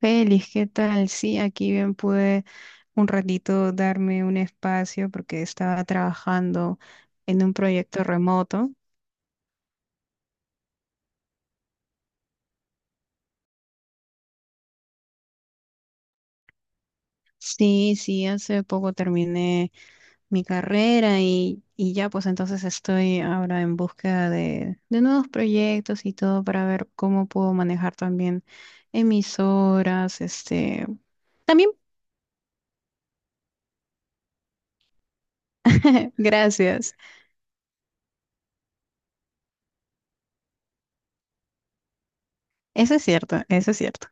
Feliz, ¿qué tal? Sí, aquí bien pude un ratito darme un espacio porque estaba trabajando en un proyecto remoto. Sí, sí, hace poco terminé mi carrera y ya pues entonces estoy ahora en búsqueda de nuevos proyectos y todo para ver cómo puedo manejar también emisoras, también, gracias. Eso es cierto, eso es cierto.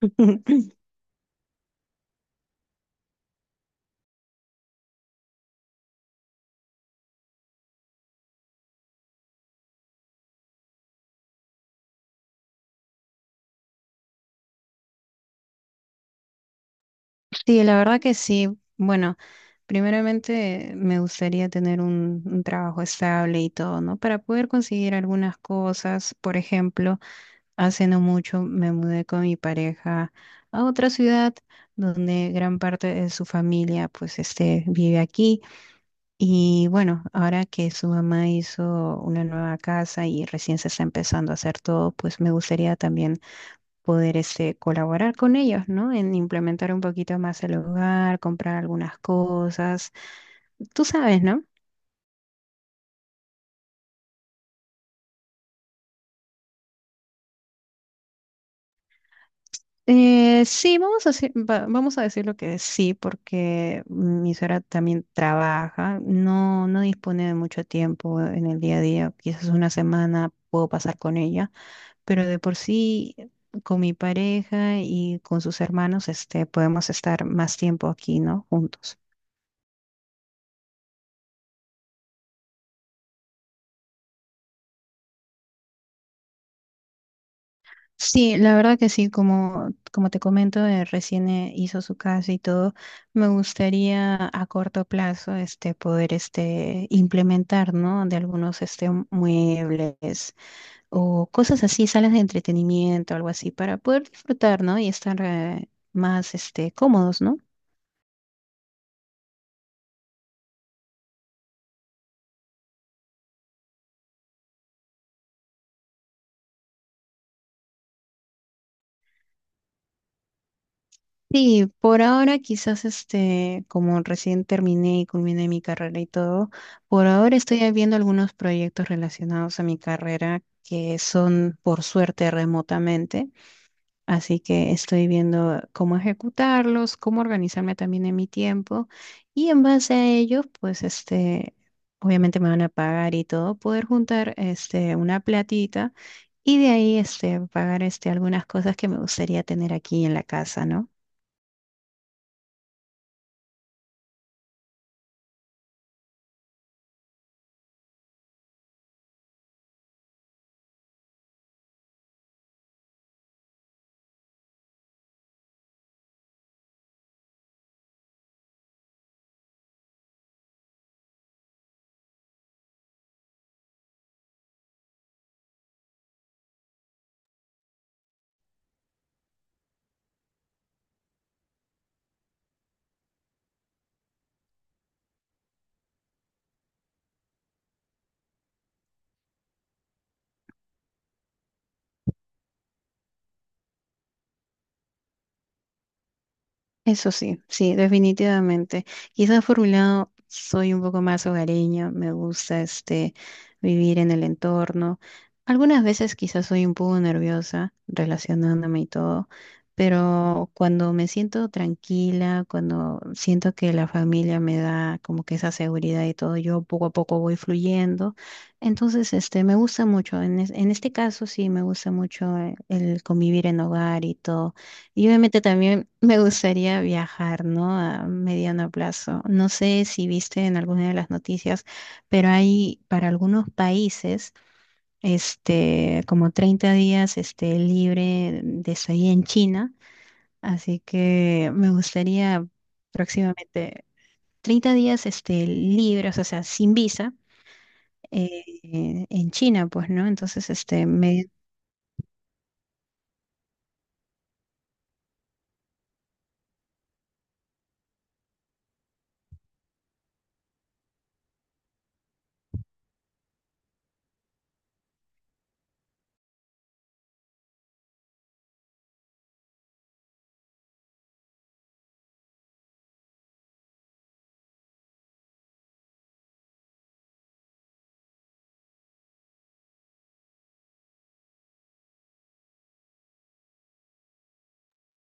Sí, la verdad que sí. Bueno, primeramente me gustaría tener un trabajo estable y todo, ¿no? Para poder conseguir algunas cosas. Por ejemplo, hace no mucho me mudé con mi pareja a otra ciudad donde gran parte de su familia, pues, vive aquí. Y bueno, ahora que su mamá hizo una nueva casa y recién se está empezando a hacer todo, pues me gustaría también poder colaborar con ellos, ¿no? En implementar un poquito más el hogar, comprar algunas cosas. Tú sabes, ¿no? Sí, vamos a decir, vamos a decir lo que es sí, porque mi suegra también trabaja, no, no dispone de mucho tiempo en el día a día, quizás una semana puedo pasar con ella, pero de por sí con mi pareja y con sus hermanos, podemos estar más tiempo aquí, ¿no? Juntos. Sí, la verdad que sí, como, como te comento, recién hizo su casa y todo, me gustaría a corto plazo poder implementar, ¿no? De algunos muebles o cosas así, salas de entretenimiento, algo así, para poder disfrutar, ¿no? Y estar más cómodos, ¿no? Sí, por ahora quizás como recién terminé y culminé mi carrera y todo, por ahora estoy viendo algunos proyectos relacionados a mi carrera que son por suerte remotamente, así que estoy viendo cómo ejecutarlos, cómo organizarme también en mi tiempo y en base a ello, pues obviamente me van a pagar y todo, poder juntar una platita y de ahí pagar algunas cosas que me gustaría tener aquí en la casa, ¿no? Eso sí, sí, definitivamente. Quizás por un lado soy un poco más hogareña, me gusta vivir en el entorno. Algunas veces quizás soy un poco nerviosa relacionándome y todo, pero cuando me siento tranquila, cuando siento que la familia me da como que esa seguridad y todo, yo poco a poco voy fluyendo. Entonces, me gusta mucho. En este caso sí, me gusta mucho el convivir en hogar y todo. Y obviamente también me gustaría viajar, ¿no? A mediano plazo. No sé si viste en alguna de las noticias, pero hay para algunos países, como 30 días, libre de estadía en China. Así que me gustaría próximamente 30 días, libres, o sea, sin visa, eh, en China, pues, ¿no? Entonces, me...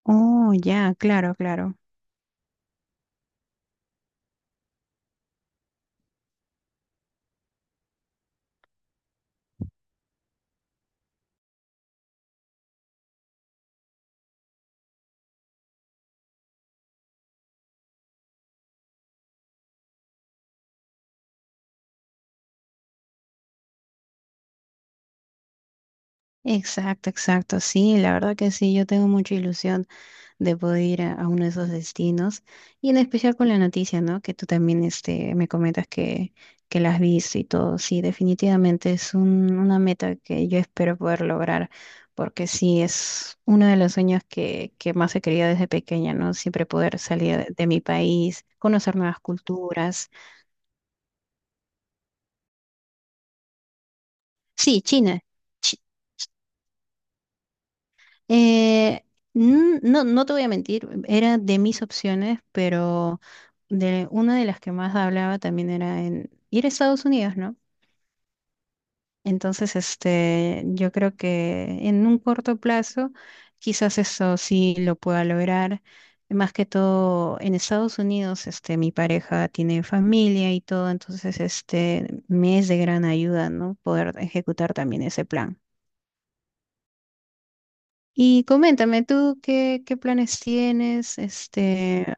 Oh, ya, claro, claro. Exacto, exacto. Sí, la verdad que sí, yo tengo mucha ilusión de poder ir a uno de esos destinos y en especial con la noticia, ¿no? Que tú también me comentas que la has visto y todo. Sí, definitivamente es una meta que yo espero poder lograr porque sí, es uno de los sueños que más he querido desde pequeña, ¿no? Siempre poder salir de mi país, conocer nuevas culturas. Sí, China. Eh, no, no te voy a mentir, era de mis opciones, pero de una de las que más hablaba también era en ir a Estados Unidos, ¿no? Entonces, yo creo que en un corto plazo, quizás eso sí lo pueda lograr. Más que todo, en Estados Unidos, mi pareja tiene familia y todo, entonces, me es de gran ayuda, ¿no? Poder ejecutar también ese plan. Y coméntame tú qué, qué planes tienes, este,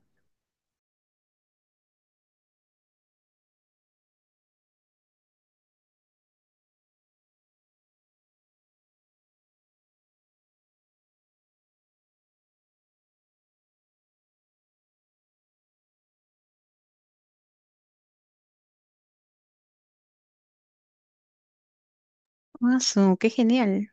Mazo, qué genial.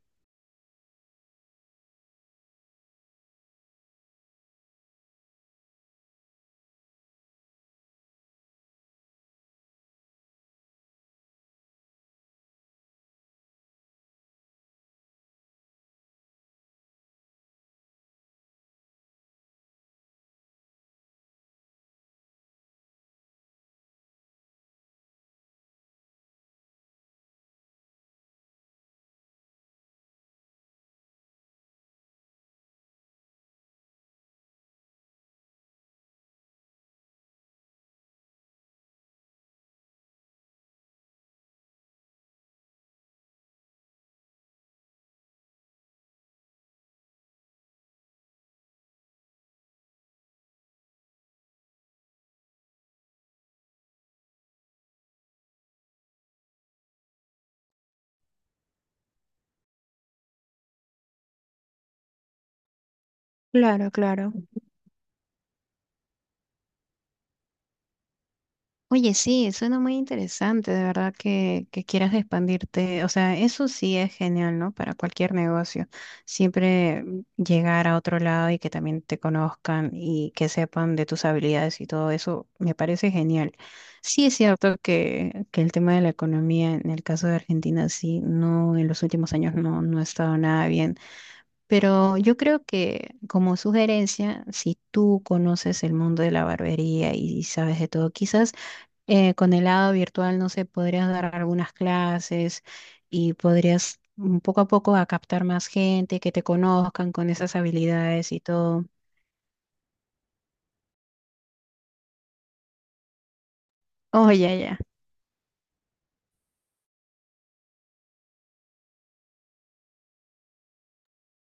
Claro, claro. Oye, sí, suena muy interesante, de verdad que quieras expandirte. O sea, eso sí es genial, ¿no? Para cualquier negocio. Siempre llegar a otro lado y que también te conozcan y que sepan de tus habilidades y todo eso, me parece genial. Sí es cierto que el tema de la economía en el caso de Argentina, sí, no, en los últimos años no ha estado nada bien. Pero yo creo que como sugerencia, si tú conoces el mundo de la barbería y sabes de todo, quizás con el lado virtual, no sé, podrías dar algunas clases y podrías mm, poco a poco a captar más gente, que te conozcan con esas habilidades y todo. Oh, ya, ya,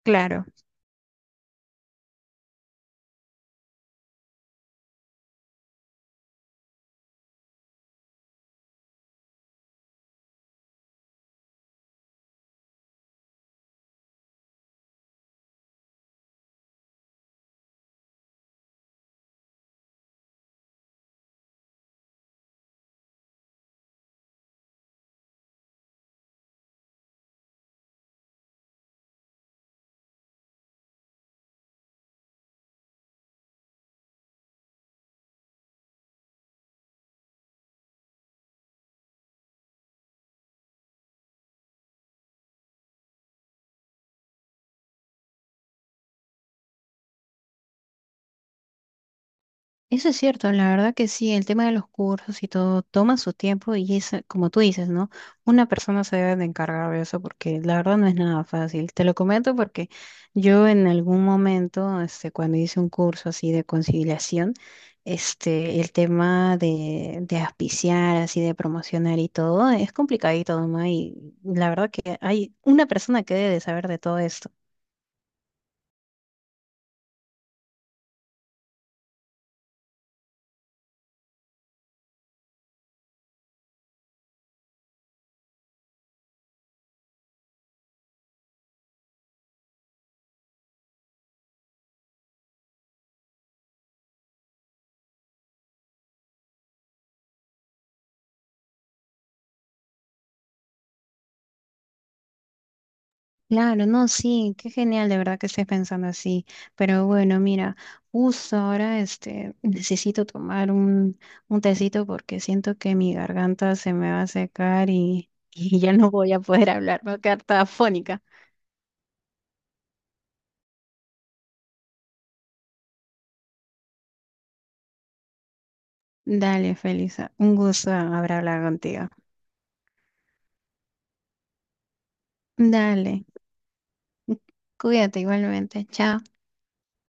claro. Eso es cierto, la verdad que sí, el tema de los cursos y todo toma su tiempo y es, como tú dices, ¿no? Una persona se debe de encargar de eso porque la verdad no es nada fácil. Te lo comento porque yo en algún momento, cuando hice un curso así de conciliación, el tema de auspiciar, así de promocionar y todo, es complicadito, ¿no? Y la verdad que hay una persona que debe de saber de todo esto. Claro, no, sí, qué genial de verdad que estés pensando así. Pero bueno, mira, justo ahora necesito tomar un tecito porque siento que mi garganta se me va a secar y, y ya no voy a poder hablar, me voy a quedar toda afónica. Dale, Felisa, un gusto haber hablado contigo. Dale, cuídate igualmente, chao.